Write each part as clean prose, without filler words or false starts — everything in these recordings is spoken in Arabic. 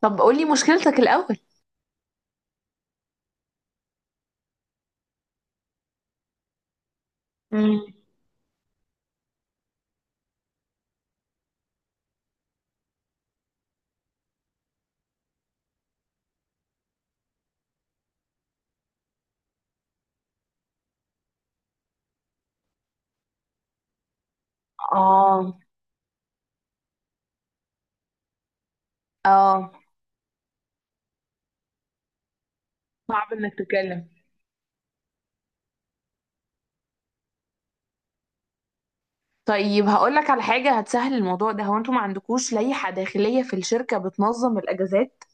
طب قولي مشكلتك الأول. امم اه، اه، صعب انك تتكلم. طيب هقولك على حاجة هتسهل الموضوع ده. هو انتوا ما عندكوش لائحة داخلية في الشركة بتنظم الأجازات؟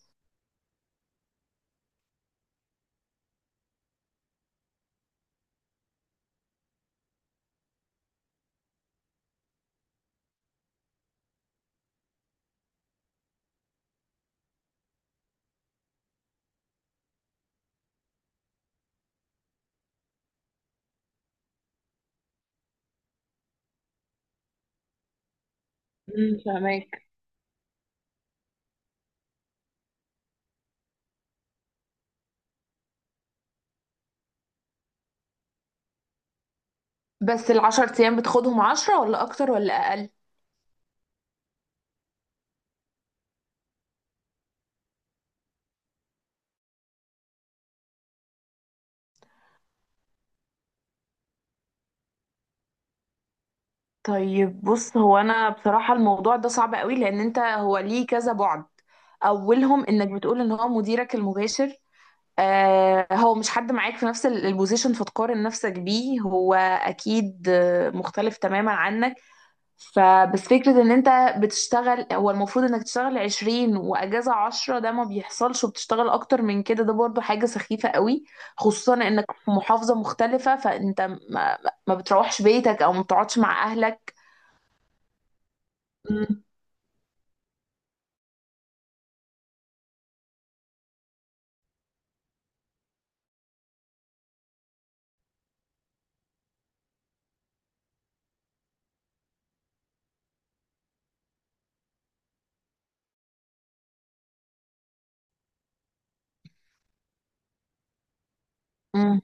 فهماك. بس العشر أيام بتاخدهم 10 ولا أكتر ولا أقل؟ طيب بص، هو أنا بصراحة الموضوع ده صعب قوي، لأن انت هو ليه كذا بعد. أولهم إنك بتقول إن هو مديرك المباشر. هو مش حد معاك في نفس البوزيشن فتقارن نفسك بيه، هو اكيد مختلف تماما عنك. فبس فكرة ان انت بتشتغل، هو المفروض انك تشتغل 20 واجازة 10، ده ما بيحصلش، وبتشتغل اكتر من كده، ده برضو حاجة سخيفة قوي. خصوصا انك في محافظة مختلفة، فانت ما, ما بتروحش بيتك او ما بتقعدش مع اهلك. مم. مم.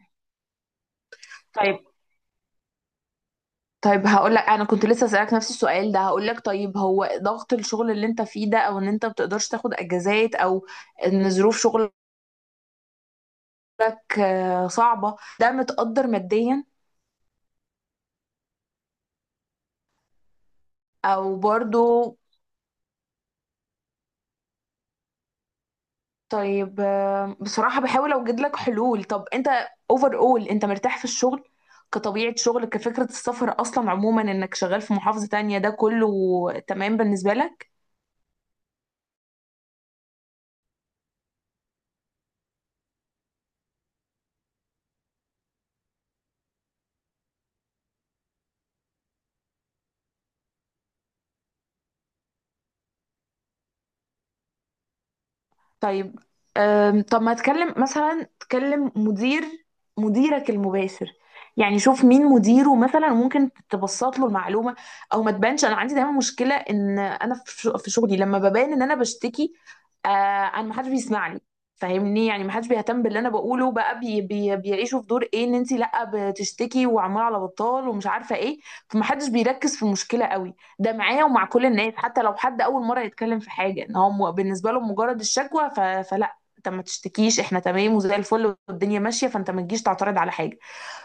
طيب، طيب، هقول لك انا كنت لسه اسالك نفس السؤال ده. هقول لك طيب، هو ضغط الشغل اللي انت فيه ده، او ان انت بتقدرش تاخد اجازات، او ان ظروف شغلك صعبة، ده متقدر ماديا او برضو؟ طيب، بصراحة بحاول اوجد لك حلول. طب انت اوفر اول، انت مرتاح في الشغل كطبيعة شغل؟ كفكرة السفر اصلا عموما، انك شغال في محافظة تانية، ده كله تمام بالنسبة لك؟ طيب. طب ما تكلم مثلا، تكلم مدير مديرك المباشر. يعني شوف مين مديره، مثلا ممكن تبسط له المعلومه. او ما تبانش. انا عندي دايما مشكله ان انا في شغلي لما ببان ان انا بشتكي، انا ما حدش بيسمع لي. فاهمني، يعني ما حدش بيهتم باللي انا بقوله. بقى بي بي بيعيشوا في دور ايه، ان انت لا بتشتكي وعماله على بطال ومش عارفه ايه، فما حدش بيركز في المشكله قوي. ده معايا ومع كل الناس. حتى لو حد اول مره يتكلم في حاجه، ان هو بالنسبه له مجرد الشكوى، فلا، انت ما تشتكيش، احنا تمام وزي الفل والدنيا ماشيه، فانت ما تجيش تعترض على حاجه.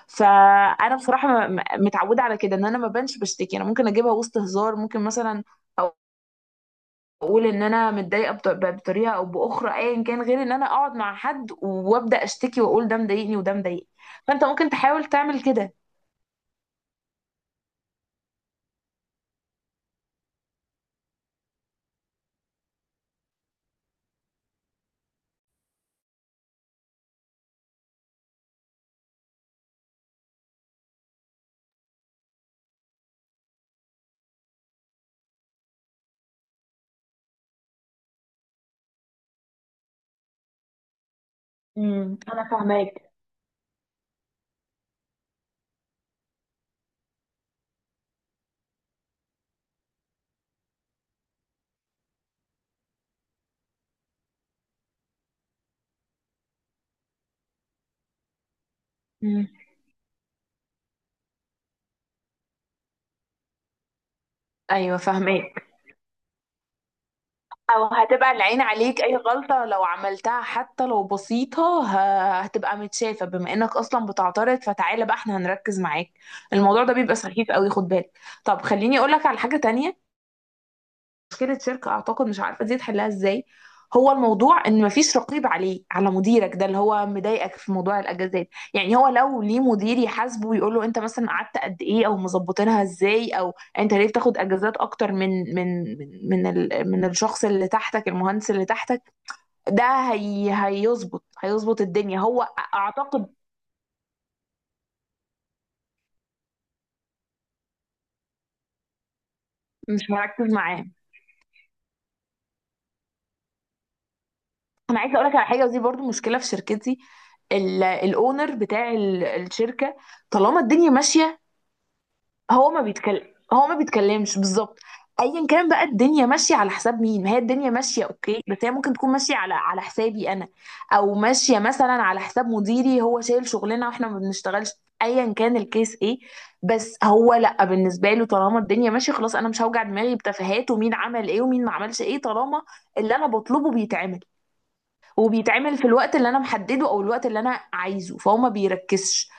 فانا بصراحه متعوده على كده. ان انا ما بنش بشتكي، انا ممكن اجيبها وسط هزار. ممكن مثلا اقول ان انا متضايقه بطريقه او باخرى، ايا كان، غير ان انا اقعد مع حد وابدا اشتكي واقول ده مضايقني وده مضايقني. فانت ممكن تحاول تعمل كده. انا فاهماك. امم ايوه، فاهمك. او هتبقى العين عليك، اي غلطة لو عملتها حتى لو بسيطة هتبقى متشافة، بما انك اصلا بتعترض، فتعالى بقى احنا هنركز معاك. الموضوع ده بيبقى سخيف قوي، خد بالك. طب خليني اقولك على حاجة تانية. مشكلة شركة، أعتقد مش عارفة دي تحلها إزاي. هو الموضوع إن مفيش رقيب عليه، على مديرك ده اللي هو مضايقك في موضوع الأجازات. يعني هو لو ليه مدير يحاسبه ويقول له، أنت مثلا قعدت قد إيه، أو مظبطينها إزاي، أو أنت ليه بتاخد أجازات أكتر من الشخص اللي تحتك، المهندس اللي تحتك ده، هي هيظبط الدنيا هو، أعتقد، مش مركز معاه. أنا عايزة أقول لك على حاجة، ودي برضو مشكلة في شركتي. الاونر بتاع الشركه، طالما الدنيا ماشيه، هو ما بيتكلم، هو ما بيتكلمش بالظبط. ايا كان بقى الدنيا ماشيه على حساب مين، ما هي الدنيا ماشيه اوكي، بس هي ممكن تكون ماشيه على حسابي انا، او ماشيه مثلا على حساب مديري، هو شايل شغلنا واحنا ما بنشتغلش، ايا كان الكيس ايه. بس هو لا، بالنسبه له طالما الدنيا ماشيه خلاص، انا مش هوجع دماغي بتفاهات ومين عمل ايه ومين ما عملش ايه، طالما اللي انا بطلبه بيتعمل، وبيتعمل في الوقت اللي انا محدده او الوقت اللي انا عايزه، فهو ما بيركزش.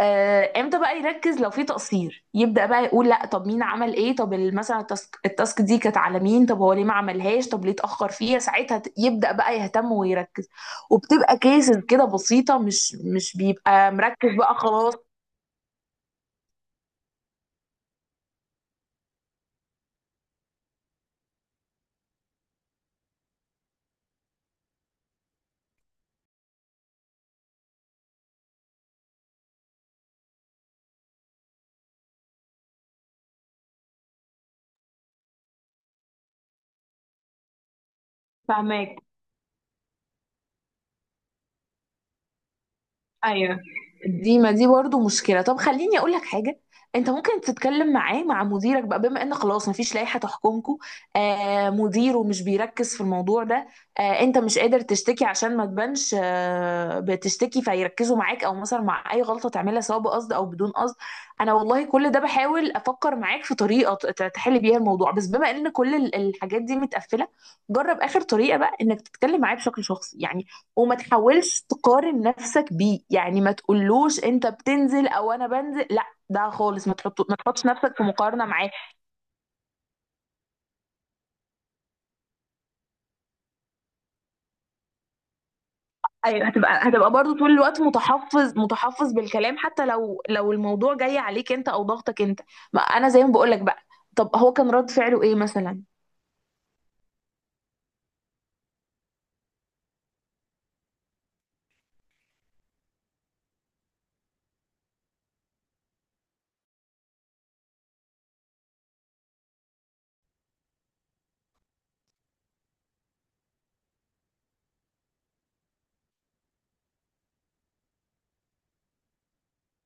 امتى بقى يركز؟ لو في تقصير يبدأ بقى يقول، لا طب مين عمل ايه، طب مثلا التاسك دي كانت على مين، طب هو ليه ما عملهاش، طب ليه اتأخر فيها، ساعتها يبدأ بقى يهتم ويركز. وبتبقى كيسز كده بسيطة، مش بيبقى مركز بقى خلاص. فهماك. ايوه. دي، ما دي برضه مشكله. طب خليني اقول لك حاجه. انت ممكن تتكلم معاه، مع مديرك بقى، بما ان خلاص مفيش لائحه تحكمكم. مديره مش بيركز في الموضوع ده. انت مش قادر تشتكي عشان ما تبانش بتشتكي فيركزوا معاك، او مثلا مع اي غلطه تعملها سواء بقصد او بدون قصد. انا والله كل ده بحاول افكر معاك في طريقه تحل بيها الموضوع، بس بما ان كل الحاجات دي متقفله، جرب اخر طريقه بقى انك تتكلم معاه بشكل شخصي يعني. وما تحاولش تقارن نفسك بيه. يعني ما تقولوش انت بتنزل او انا بنزل، لا، ده خالص. ما تحطش نفسك في مقارنة معاه. ايوه، هتبقى برضو طول الوقت متحفظ، متحفظ بالكلام، حتى لو الموضوع جاي عليك انت او ضغطك انت. ما انا زي ما بقولك بقى. طب هو كان رد فعله ايه مثلا؟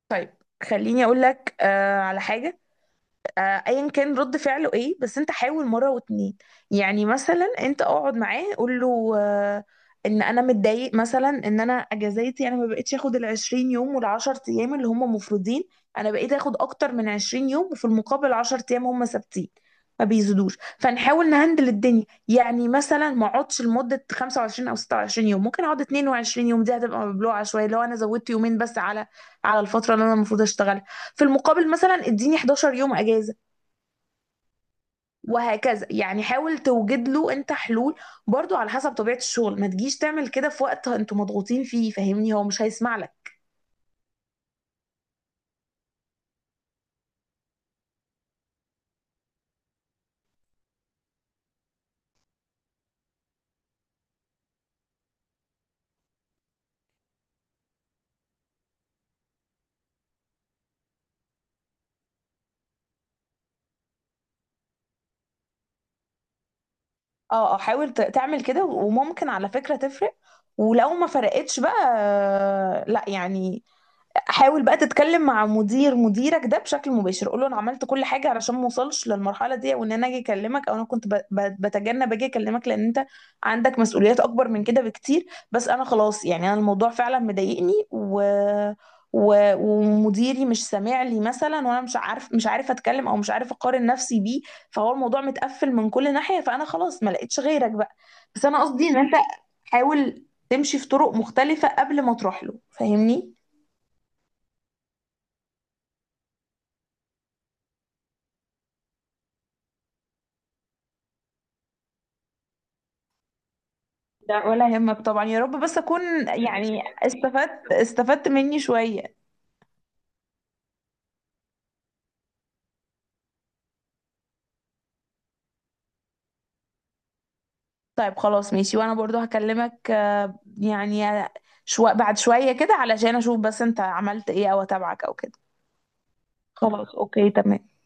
طيب خليني اقول لك على حاجة. ايا كان رد فعله ايه، بس انت حاول مره واتنين. يعني مثلا انت اقعد معاه، قول له، ان انا متضايق مثلا، ان انا اجازاتي انا ما بقتش اخد ال 20 يوم وال 10 ايام اللي هم مفروضين. انا بقيت اخد اكتر من 20 يوم، وفي المقابل 10 ايام هم ثابتين، ما بيزيدوش، فنحاول نهندل الدنيا. يعني مثلا ما اقعدش لمده 25 او 26 يوم، ممكن اقعد 22 يوم، دي هتبقى مبلوعه شويه لو انا زودت يومين بس على الفتره اللي انا المفروض اشتغلها. في المقابل مثلا اديني 11 يوم اجازه، وهكذا. يعني حاول توجد له انت حلول، برضو على حسب طبيعة الشغل. ما تجيش تعمل كده في وقت انتوا مضغوطين فيه، فاهمني، هو مش هيسمع لك. اه، اه، حاول تعمل كده. وممكن على فكرة تفرق. ولو ما فرقتش بقى، لا يعني، حاول بقى تتكلم مع مدير مديرك ده بشكل مباشر. قول له انا عملت كل حاجه علشان ما اوصلش للمرحله دي، وان انا اجي اكلمك، او انا كنت بتجنب اجي اكلمك لان انت عندك مسؤوليات اكبر من كده بكتير. بس انا خلاص يعني، انا الموضوع فعلا مضايقني، ومديري مش سامع لي مثلا، وانا مش عارف، مش عارف اتكلم، او مش عارف اقارن نفسي بيه. فهو الموضوع متقفل من كل ناحيه، فانا خلاص ما لقيتش غيرك بقى. بس انا قصدي ان انت حاول تمشي في طرق مختلفه قبل ما تروح له، فاهمني. لا، ولا يهمك طبعا، يا رب بس اكون، يعني، استفدت، استفدت مني شوية. طيب خلاص، ماشي. وانا برضو هكلمك، يعني، شو بعد شوية كده، علشان اشوف بس انت عملت ايه، او اتابعك او كده. خلاص اوكي، تمام.